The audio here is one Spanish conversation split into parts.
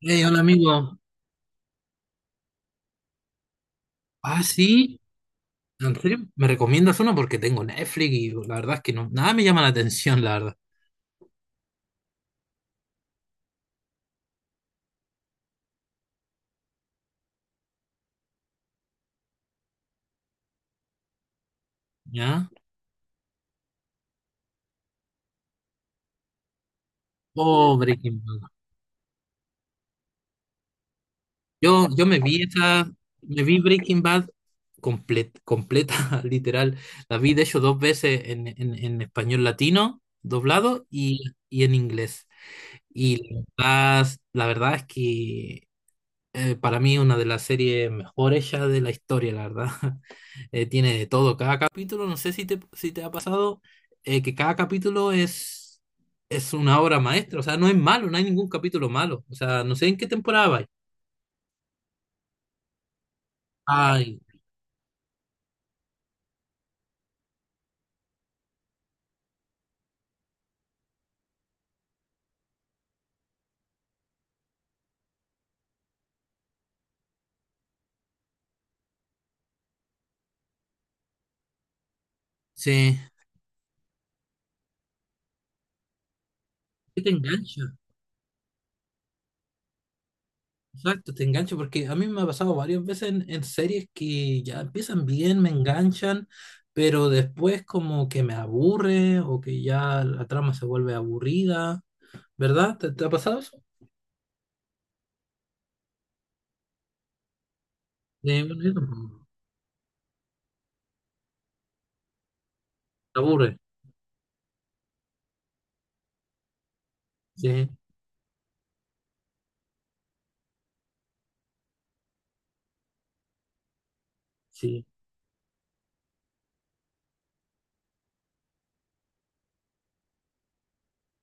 Hey, hola amigo. Ah, sí. ¿En serio? ¿Me recomiendas uno? Porque tengo Netflix y la verdad es que no, nada me llama la atención, la verdad. ¿Ya? Oh, Breaking Bad. Yo me vi esa, me vi Breaking Bad completa, literal. La vi de hecho dos veces en español latino, doblado, y en inglés. Y la verdad es que para mí una de las series mejores ya de la historia, la verdad. Tiene de todo. Cada capítulo, no sé si te ha pasado, que cada capítulo es una obra maestra. O sea, no es malo, no hay ningún capítulo malo. O sea, no sé en qué temporada vais. Ay, sí. Que te engancha. Exacto, te engancha porque a mí me ha pasado varias veces en series que ya empiezan bien, me enganchan, pero después como que me aburre o que ya la trama se vuelve aburrida. ¿Verdad? ¿Te te ha pasado eso? Bueno, yo tampoco. Me aburre. Sí, sí.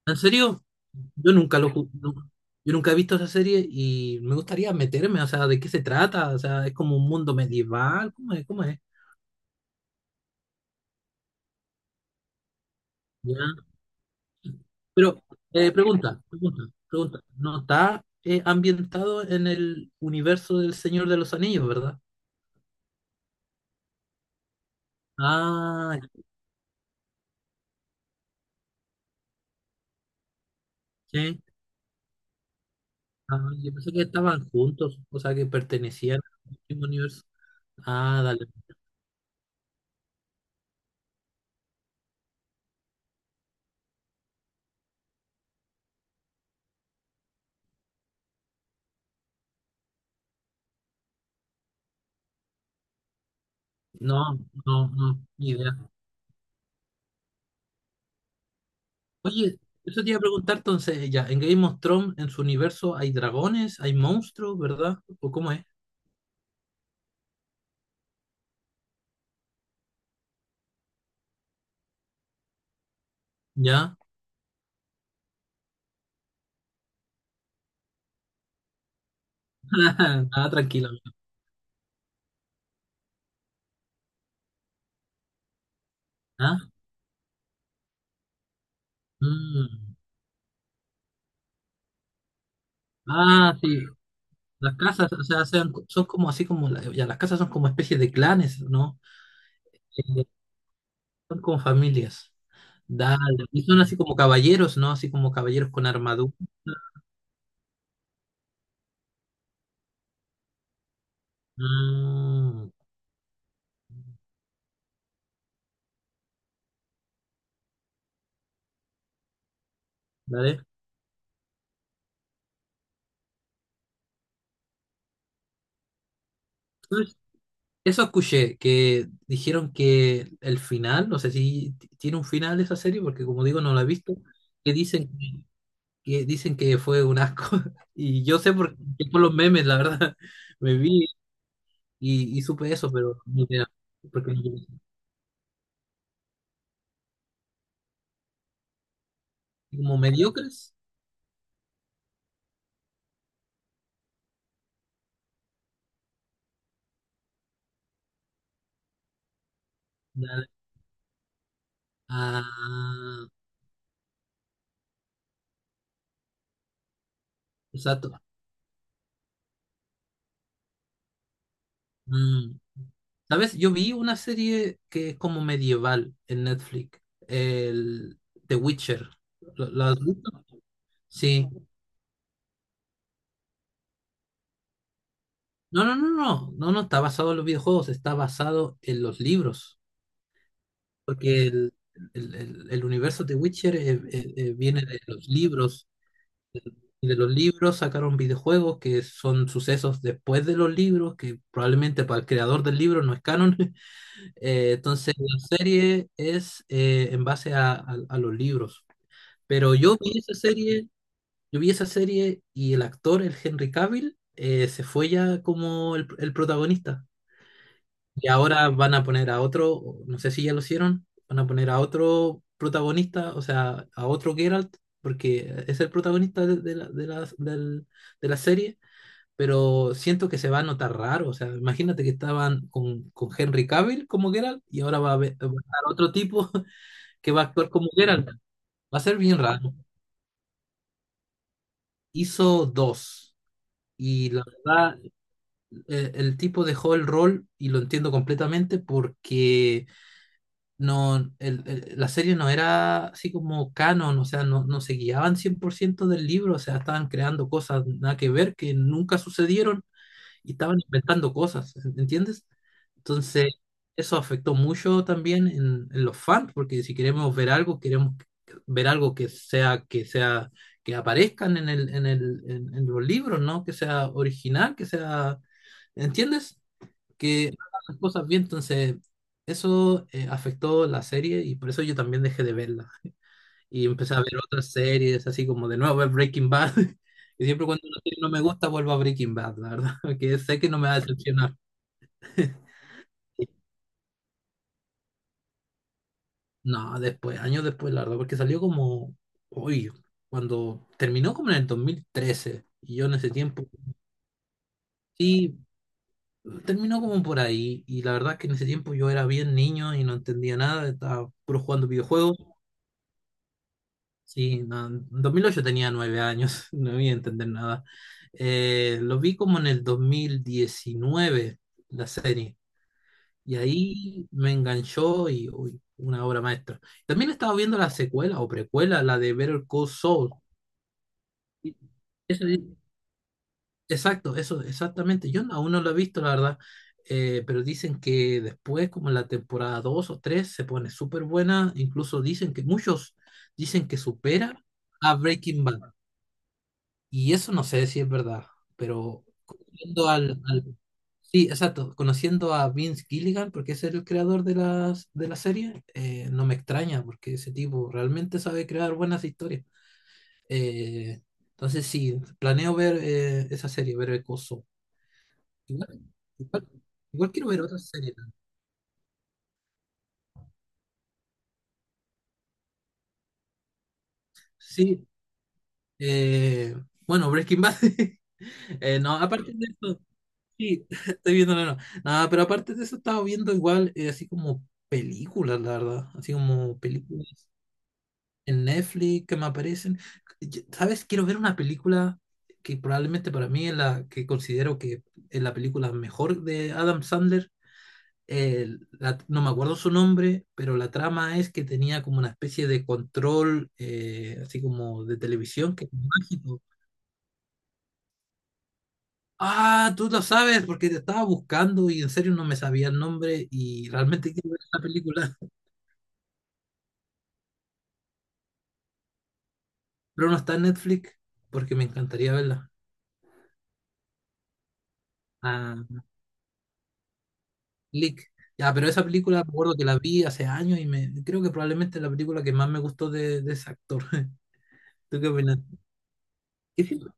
¿En serio? Yo nunca lo ju- No, yo nunca he visto esa serie y me gustaría meterme. O sea, ¿de qué se trata? O sea, ¿es como un mundo medieval? ¿Cómo es? ¿Cómo es? Ya. Pero pregunta, pregunta, pregunta. ¿No está ambientado en el universo del Señor de los Anillos, ¿verdad? Ah, sí. Ah, yo pensé que estaban juntos, o sea, que pertenecían al mismo universo. Ah, dale. No, no, no, ni idea. Oye, eso te iba a preguntar entonces. Ya, en Game of Thrones, en su universo, ¿hay dragones? ¿Hay monstruos, verdad? ¿O cómo es? ¿Ya? Ah, tranquilo. Ah, mm. Ah, sí. Las casas, o sea, son como así como, ya, las casas son como especies de clanes, ¿no? Eh, Son como familias. Dale. Y son así como caballeros, ¿no? Así como caballeros con armadura. Mm, dale. Eso escuché, que dijeron que el final, no sé si t- tiene un final esa serie, porque como digo, no la he visto, que dicen que dicen que fue un asco. Y yo sé por, que por los memes, la verdad, me vi y supe eso, pero ni idea. Porque como mediocres, nada. Ah, exacto. Mm. ¿Sabes? Yo vi una serie que es como medieval en Netflix, el The Witcher. ¿Lo has visto? Sí. No, no, no, no, no, no está basado en los videojuegos, está basado en los libros, porque el universo de Witcher viene de los libros, y de los libros sacaron videojuegos que son sucesos después de los libros, que probablemente para el creador del libro no es canon. Entonces la serie es en base a los libros. Pero yo vi esa serie y el actor, el Henry Cavill, se fue ya como el protagonista. Y ahora van a poner a otro, no sé si ya lo hicieron, van a poner a otro protagonista, o sea, a otro Geralt, porque es el protagonista de la serie, pero siento que se va a notar raro. O sea, imagínate que estaban con Henry Cavill como Geralt y ahora va a estar otro tipo que va a actuar como Geralt. Va a ser bien raro. Hizo dos. Y la verdad, el tipo dejó el rol y lo entiendo completamente porque no, la serie no era así como canon. O sea, no, no se guiaban 100% del libro. O sea, estaban creando cosas nada que ver que nunca sucedieron y estaban inventando cosas, ¿entiendes? Entonces, eso afectó mucho también en los fans, porque si queremos ver algo, queremos ver algo que que aparezcan en los libros, ¿no? Que sea original, ¿entiendes? Que no hagan las cosas bien. Entonces eso afectó la serie y por eso yo también dejé de verla y empecé a ver otras series, así como de nuevo ver Breaking Bad. Y siempre cuando una serie no me gusta vuelvo a Breaking Bad, la verdad, porque sé que no me va a decepcionar. No, después, años después, la verdad, porque salió como, uy, cuando terminó como en el 2013 y yo en ese tiempo, sí, terminó como por ahí, y la verdad es que en ese tiempo yo era bien niño y no entendía nada, estaba puro jugando videojuegos. Sí, no, en 2008 tenía nueve años. No voy a entender nada. Lo vi como en el 2019, la serie, y ahí me enganchó y uy, una obra maestra. También estaba viendo la secuela o precuela, la de Better Call Saul. Y eso di- exacto, eso, exactamente. Yo no, aún no lo he visto, la verdad, pero dicen que después, como en la temporada 2 o 3 se pone súper buena. Incluso dicen que muchos dicen que supera a Breaking Bad. Y eso no sé si es verdad, pero conociendo sí, exacto, conociendo a Vince Gilligan, porque es el creador de de la serie. No me extraña, porque ese tipo realmente sabe crear buenas historias. Eh, entonces sí, planeo ver esa serie, ver el coso. Igual, igual, igual quiero ver otras series también. Sí, eh, bueno, Breaking Bad. No, aparte de eso. Sí, estoy viendo, no, no. Nada, pero aparte de eso, estaba viendo igual, así como películas, la verdad. Así como películas en Netflix que me aparecen. ¿Sabes? Quiero ver una película que probablemente para mí es la que considero que es la película mejor de Adam Sandler. No me acuerdo su nombre, pero la trama es que tenía como una especie de control, así como de televisión, que es mágico. Ah, tú lo sabes porque te estaba buscando y en serio no me sabía el nombre y realmente quiero ver esta película, pero no está en Netflix porque me encantaría verla. Ah, Click. Ya, pero esa película me acuerdo que la vi hace años y me creo que probablemente es la película que más me gustó de ese actor. ¿Tú qué opinas? ¿Qué film?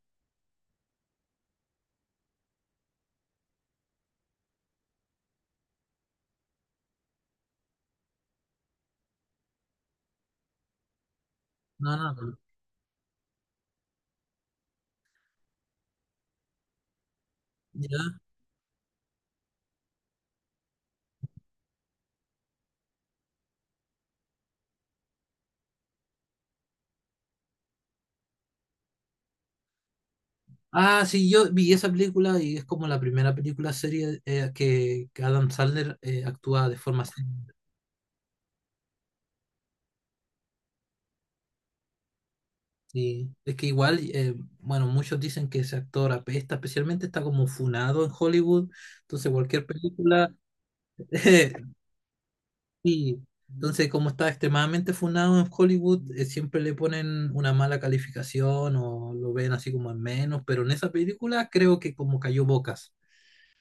No, no, no. Ya. Ah, sí, yo vi esa película y es como la primera película serie que Adam Sandler actúa de forma seria. Sí, es que igual, bueno, muchos dicen que ese actor apesta, especialmente está como funado en Hollywood, entonces cualquier película, eh, sí, entonces como está extremadamente funado en Hollywood, siempre le ponen una mala calificación o lo ven así como en menos, pero en esa película creo que como cayó bocas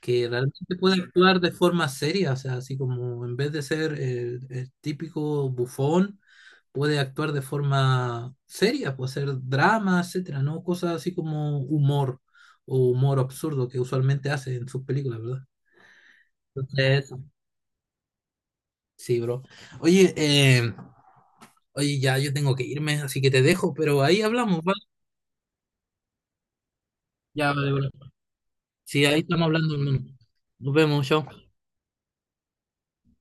que realmente puede actuar de forma seria. O sea, así como en vez de ser el típico bufón, puede actuar de forma seria, puede hacer drama, etcétera, ¿no? Cosas así como humor o humor absurdo que usualmente hace en sus películas, ¿verdad? Entonces, sí, bro. Oye, oye, ya yo tengo que irme, así que te dejo, pero ahí hablamos, ¿vale? Ya, vale, bro. Sí, ahí estamos hablando, hermano. Nos vemos, chao.